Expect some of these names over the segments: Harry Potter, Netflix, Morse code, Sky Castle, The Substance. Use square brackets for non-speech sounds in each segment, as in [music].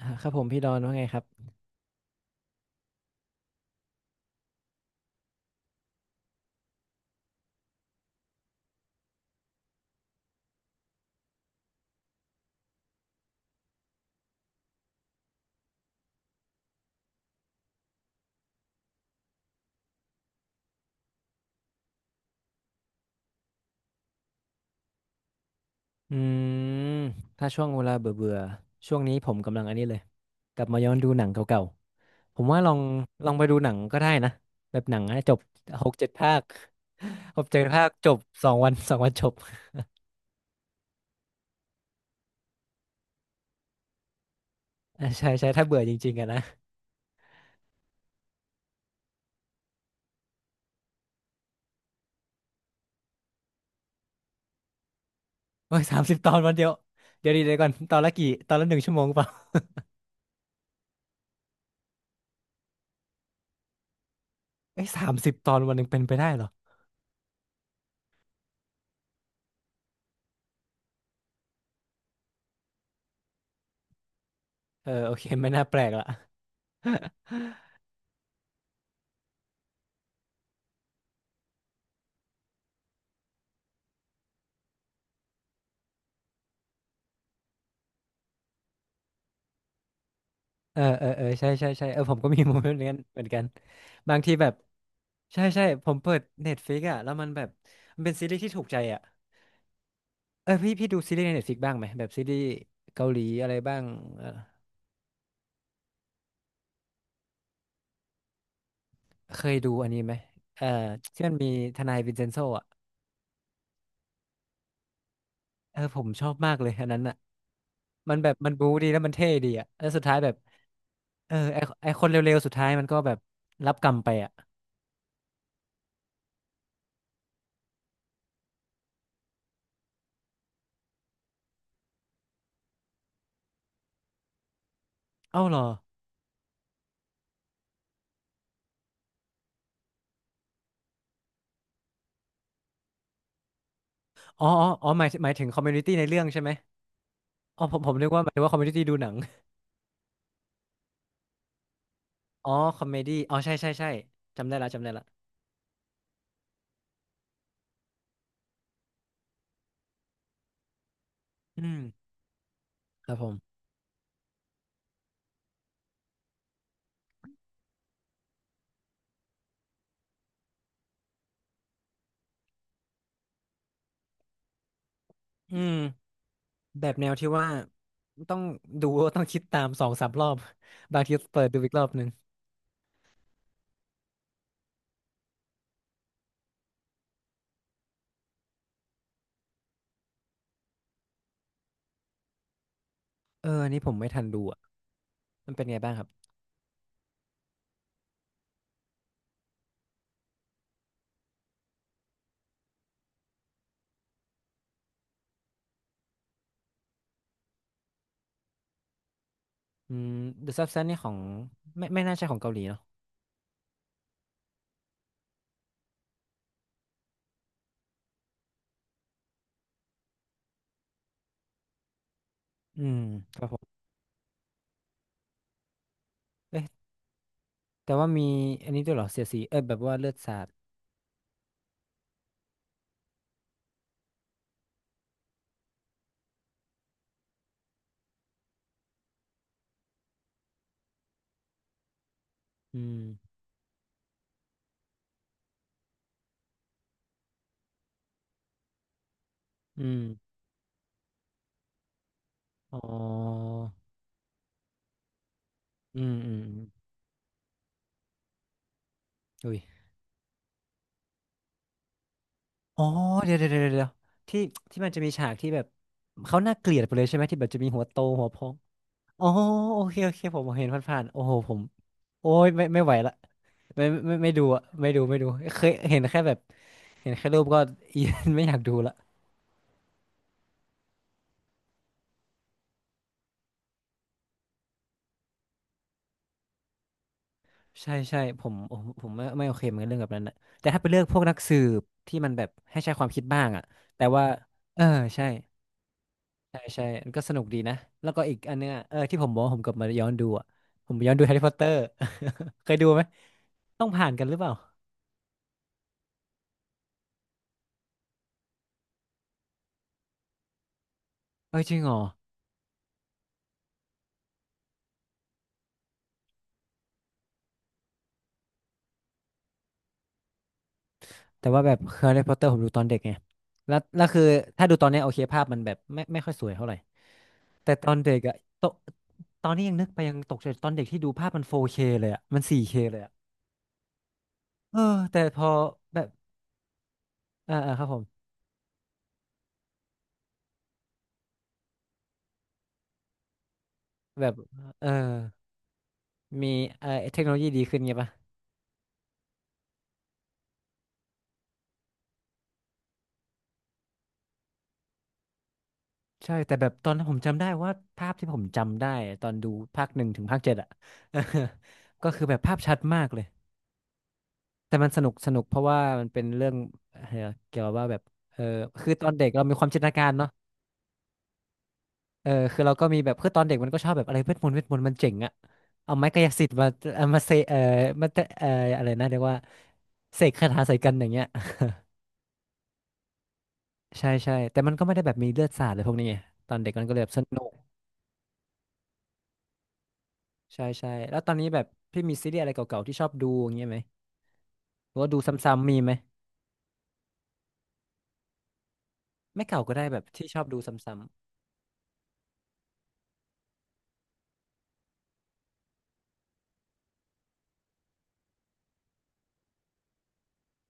ครับผมพี่ดอนว่าไงครับ อืมถ้าช่วงเวลาเบื่อเบื่อช่วงนี้ผมกำลังอันนี้เลยกลับมาย้อนดูหนังเก่าๆผมว่าลองไปดูหนังก็ได้นะแบบหนังนะจบหกเจ็ดภาคหกเจ็ดภาคจบสองวันจบใช่ใช่ถ้าเบื่อจริงๆอะนะโอ้ยสามสิบตอนวันเดียวเดี๋ยวดีเดี๋ยวก่อนตอนละกี่ตอนละหนึ่งชั่วโมงเปล่าเอ้ยสามสิบตอนวันหนึ่งเป็นไปได้เหรอเออโอเคไม่น่าแปลกละเออเออเออใช่ใช่ใช่เออผมก็มีโมเมนต์เหมือนกันบางทีแบบ ใช่ใช่ผมเปิด Netflix อ่ะแล้วมันแบบมันเป็นซีรีส์ที่ถูกใจอ่ะเออพี่ดูซีรีส์ใน Netflix บ้างไหมแบบซีรีส์เกาหลีอะไรบ้างเออเคยดูอันนี้ไหมเออที่มันมีทนายวินเซนโซอ่ะเออผมชอบมากเลยอันนั้นอ่ะมันแบบมันบู๊ดีแล้วมันเท่ดีอ่ะแล้วสุดท้ายแบบเออไอคนเร็วๆสุดท้ายมันก็แบบรับกรรมไปอ่ะเอ้าเหรออ๋อหมายถึงคอมมูนิตี้ในเรื่องใช่ไหมอ๋อผมนึกว่าหมายถึงว่าคอมมูนิตี้ดูหนังอ๋อคอมเมดี้อ๋อใช่ใช่ใช่จำได้ละจำได้ละอืมครับผมอืม แบบแนวที่ว่าต้องดูต้องคิดตามสองสามรอบ [laughs] บางทีเปิดดูอีกรอบหนึ่งเอออันนี้ผมไม่ทันดูอ่ะมันเป็นไงบ้างครับอืม The Substance นี่ของไม่น่าใช่ของเกาหลีเนาะอืมครับผมเอ๊ะแต่ว่ามีอันนี้ด้วยเหรอเสียดสีเออแบบว่าเลือดสาดอืมอืมอ๋ออืมอืมอมอุ้ยอ๋อเดี๋ยวเดี๋ยวเดี๋ยวเดี๋ยวที่ที่มันจะมีฉากที่แบบเขาน่าเกลียดไปเลยใช่ไหมที่แบบจะมีหัวโตหัวพองอ๋อโอเคโอเคผมเห็นผ่านๆโอ้โหผม โอ้ยไม่ไหวละไม่ดูอะไม่ดูไม่ดูเคยเห็นแค่แบบเห็นแค่รูปก็ [laughs] อีไม่อยากดูละใช่ใช่ผมไม่โอเคเหมือนกันเรื่องแบบนั้นนะแต่ถ้าไปเลือกพวกนักสืบที่มันแบบให้ใช้ความคิดบ้างอะแต่ว่าเออใช่ใช่ใช่มันก็สนุกดีนะแล้วก็อีกอันเนึงอะเออที่ผมบอกว่าผมกลับมาย้อนดูอะผมย้อนดูแฮร์รี่พอต [laughs] เตอร์ [laughs] เคยดูไหมต้องผ่านกันหรือเปล่าเออจริงเหรอแต่ว่าแบบแฮร์รี่พอตเตอร์ผมดูตอนเด็กไงแล้วคือถ้าดูตอนเนี้ยโอเคภาพมันแบบไม่ค่อยสวยเท่าไหร่ แต่ตอนเด็กอะตอนตอนนี้ยังนึกไปยังตกใจตอนเด็กที่ดูภาพมัน 4K เคเลยอะมัน 4K เคเลยอะเออแต่พอแบบเอ่าอาครับผมแบบเออมีเออเทคโนโลยีดีขึ้นไงปะใช่ แต่แบบตอนนั้นผมจำได้ว่าภาพที่ผมจำได้ตอนดูภาคหนึ่งถึงภาคเจ็ดอะ [laughs] ก็คือแบบภาพชัดมากเลย แต่มันสนุกสนุกเพราะว่ามันเป็นเรื่องเอ่อเกี่ยวกับว่าแบบเออคือตอนเด็กเรามีความจินตนาการเนาะ เออคือเราก็มีแบบคือตอนเด็กมันก็ชอบแบบอะไรเวทมนต์เวทมนต์มันเจ๋งอะเอาไม้กายสิทธิ์มาเอามาเซเออมาเตเอออะไรนะเรียกว่าเสกคาถาใส่กันอย่างเงี้ยใช่ใช่แต่มันก็ไม่ได้แบบมีเลือดสาดเลยพวกนี้ไงตอนเด็กมันก็เลยแบบสนุกใช่ใช่แล้วตอนนี้แบบพี่มีซีรีส์อะไรเก่าๆที่ชอบดูอย่างเงี้ยไหมหรือว่าดูซ้ำๆมีไหมไม่เก่าก็ได้แบบที่ชอบดูซ้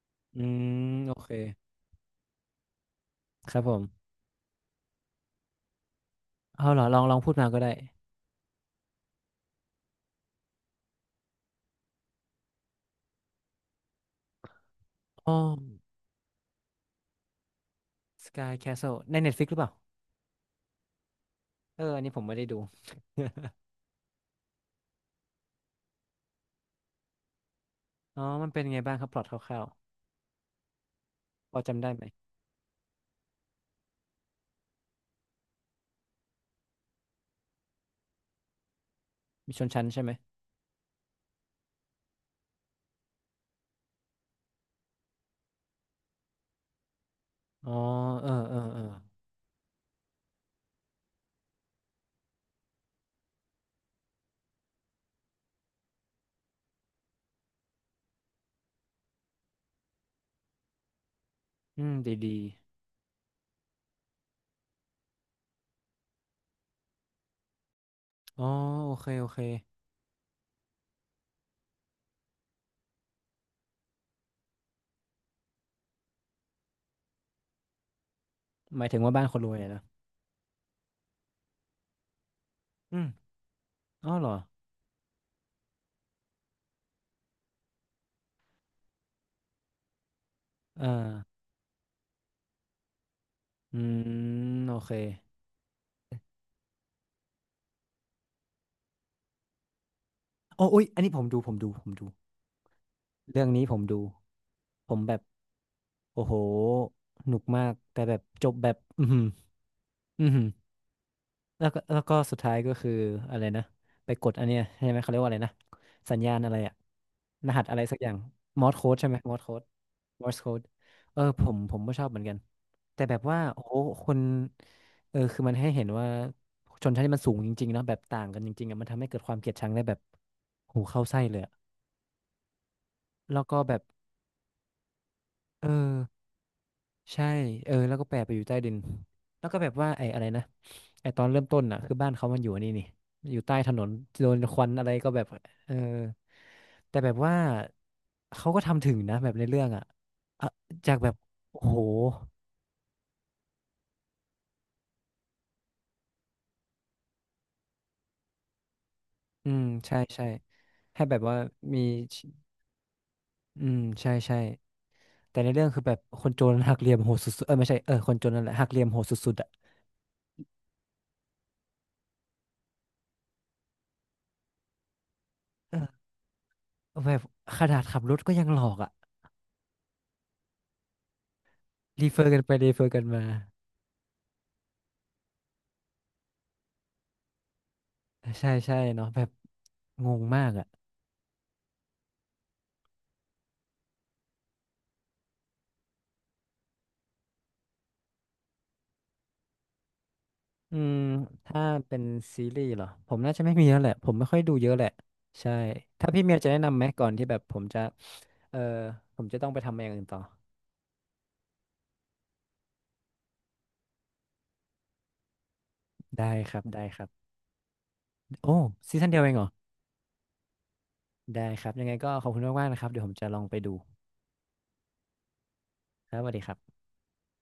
ำๆอืมโอเคครับผมเอาเหรอลองพูดมาก็ได้อ๋อ Sky Castle ใน Netflix หรือเปล่าเอออันนี้ผมไม่ได้ดู [laughs] อ๋อมันเป็นไงบ้างครับพล็อตคร่าวๆพอจำได้ไหมมีชนชั้นใช่ไหมอ๋อเออเออเอออืมดีดีอ๋อโอเคโอเคหมายถึงว่าบ้านคนรวยอะนะอืมอ๋อเหรอเอออืมโอเคโอ้อุ๊ยอันนี้ผมดูผมดูเรื่องนี้ผมดูผมแบบโอ้โหหนุกมากแต่แบบจบแบบอืมอหืม แล้วก็สุดท้ายก็คืออะไรนะไปกดอันเนี้ยใช่ไหมเขาเรียกว่าอะไรนะสัญญาณอะไรอะรหัสอะไรสักอย่างมอร์สโค้ดใช่ไหมมอร์สโค้ดมอร์สโค้ดเออผมก็ชอบเหมือนกันแต่แบบว่าโอ้โหคนเออคือมันให้เห็นว่าชนชั้นที่มันสูงจริงๆเนาะแบบต่างกันจริงๆอะมันทำให้เกิดความเกลียดชังได้แบบหูเข้าไส้เลยอะแล้วก็แบบเออ ใช่เออแล้วก็แปะไปอยู่ใต้ดิน แล้วก็แบบว่าไอ้อะไรนะไอ้ตอนเริ่มต้นน่ะคือบ้านเขามันอยู่อันนี่นี่อยู่ใต้ถนนโดนควันอะไรก็แบบ เออแต่แบบว่าเขาก็ทำถึงนะแบบในเรื่องอ่ะอะจากแบบ โอ้โหอืมใช่ใช่ให้แบบว่ามีอืมใช่ใช่ แต่ในเรื่องคือแบบคนโจรหักเหลี่ยมโหดสุดๆเออไม่ใช่เออคนโจรนั่นแหละหักเหลี่ยมโหดสุดๆอ่ะเออแบบขนาดขับรถก็ยังหลอกอ่ะรีเฟอร์กันไปรีเฟอร์กันมา ใช่ใช่เนาะแบบงงมากอ่ะอืมถ้าเป็นซีรีส์เหรอผมน่าจะไม่มีแล้วแหละผมไม่ค่อยดูเยอะแหละใช่ถ้าพี่เมียจะแนะนำไหมก่อนที่แบบผมจะเออผมจะต้องไปทำอย่างอื่นต่อได้ครับได้ครับโอ้ซีซั่นเดียวเองเหรอได้ครับยังไงก็ขอบคุณมากๆนะครับเดี๋ยวผมจะลองไปดูครับสวัสดีครับ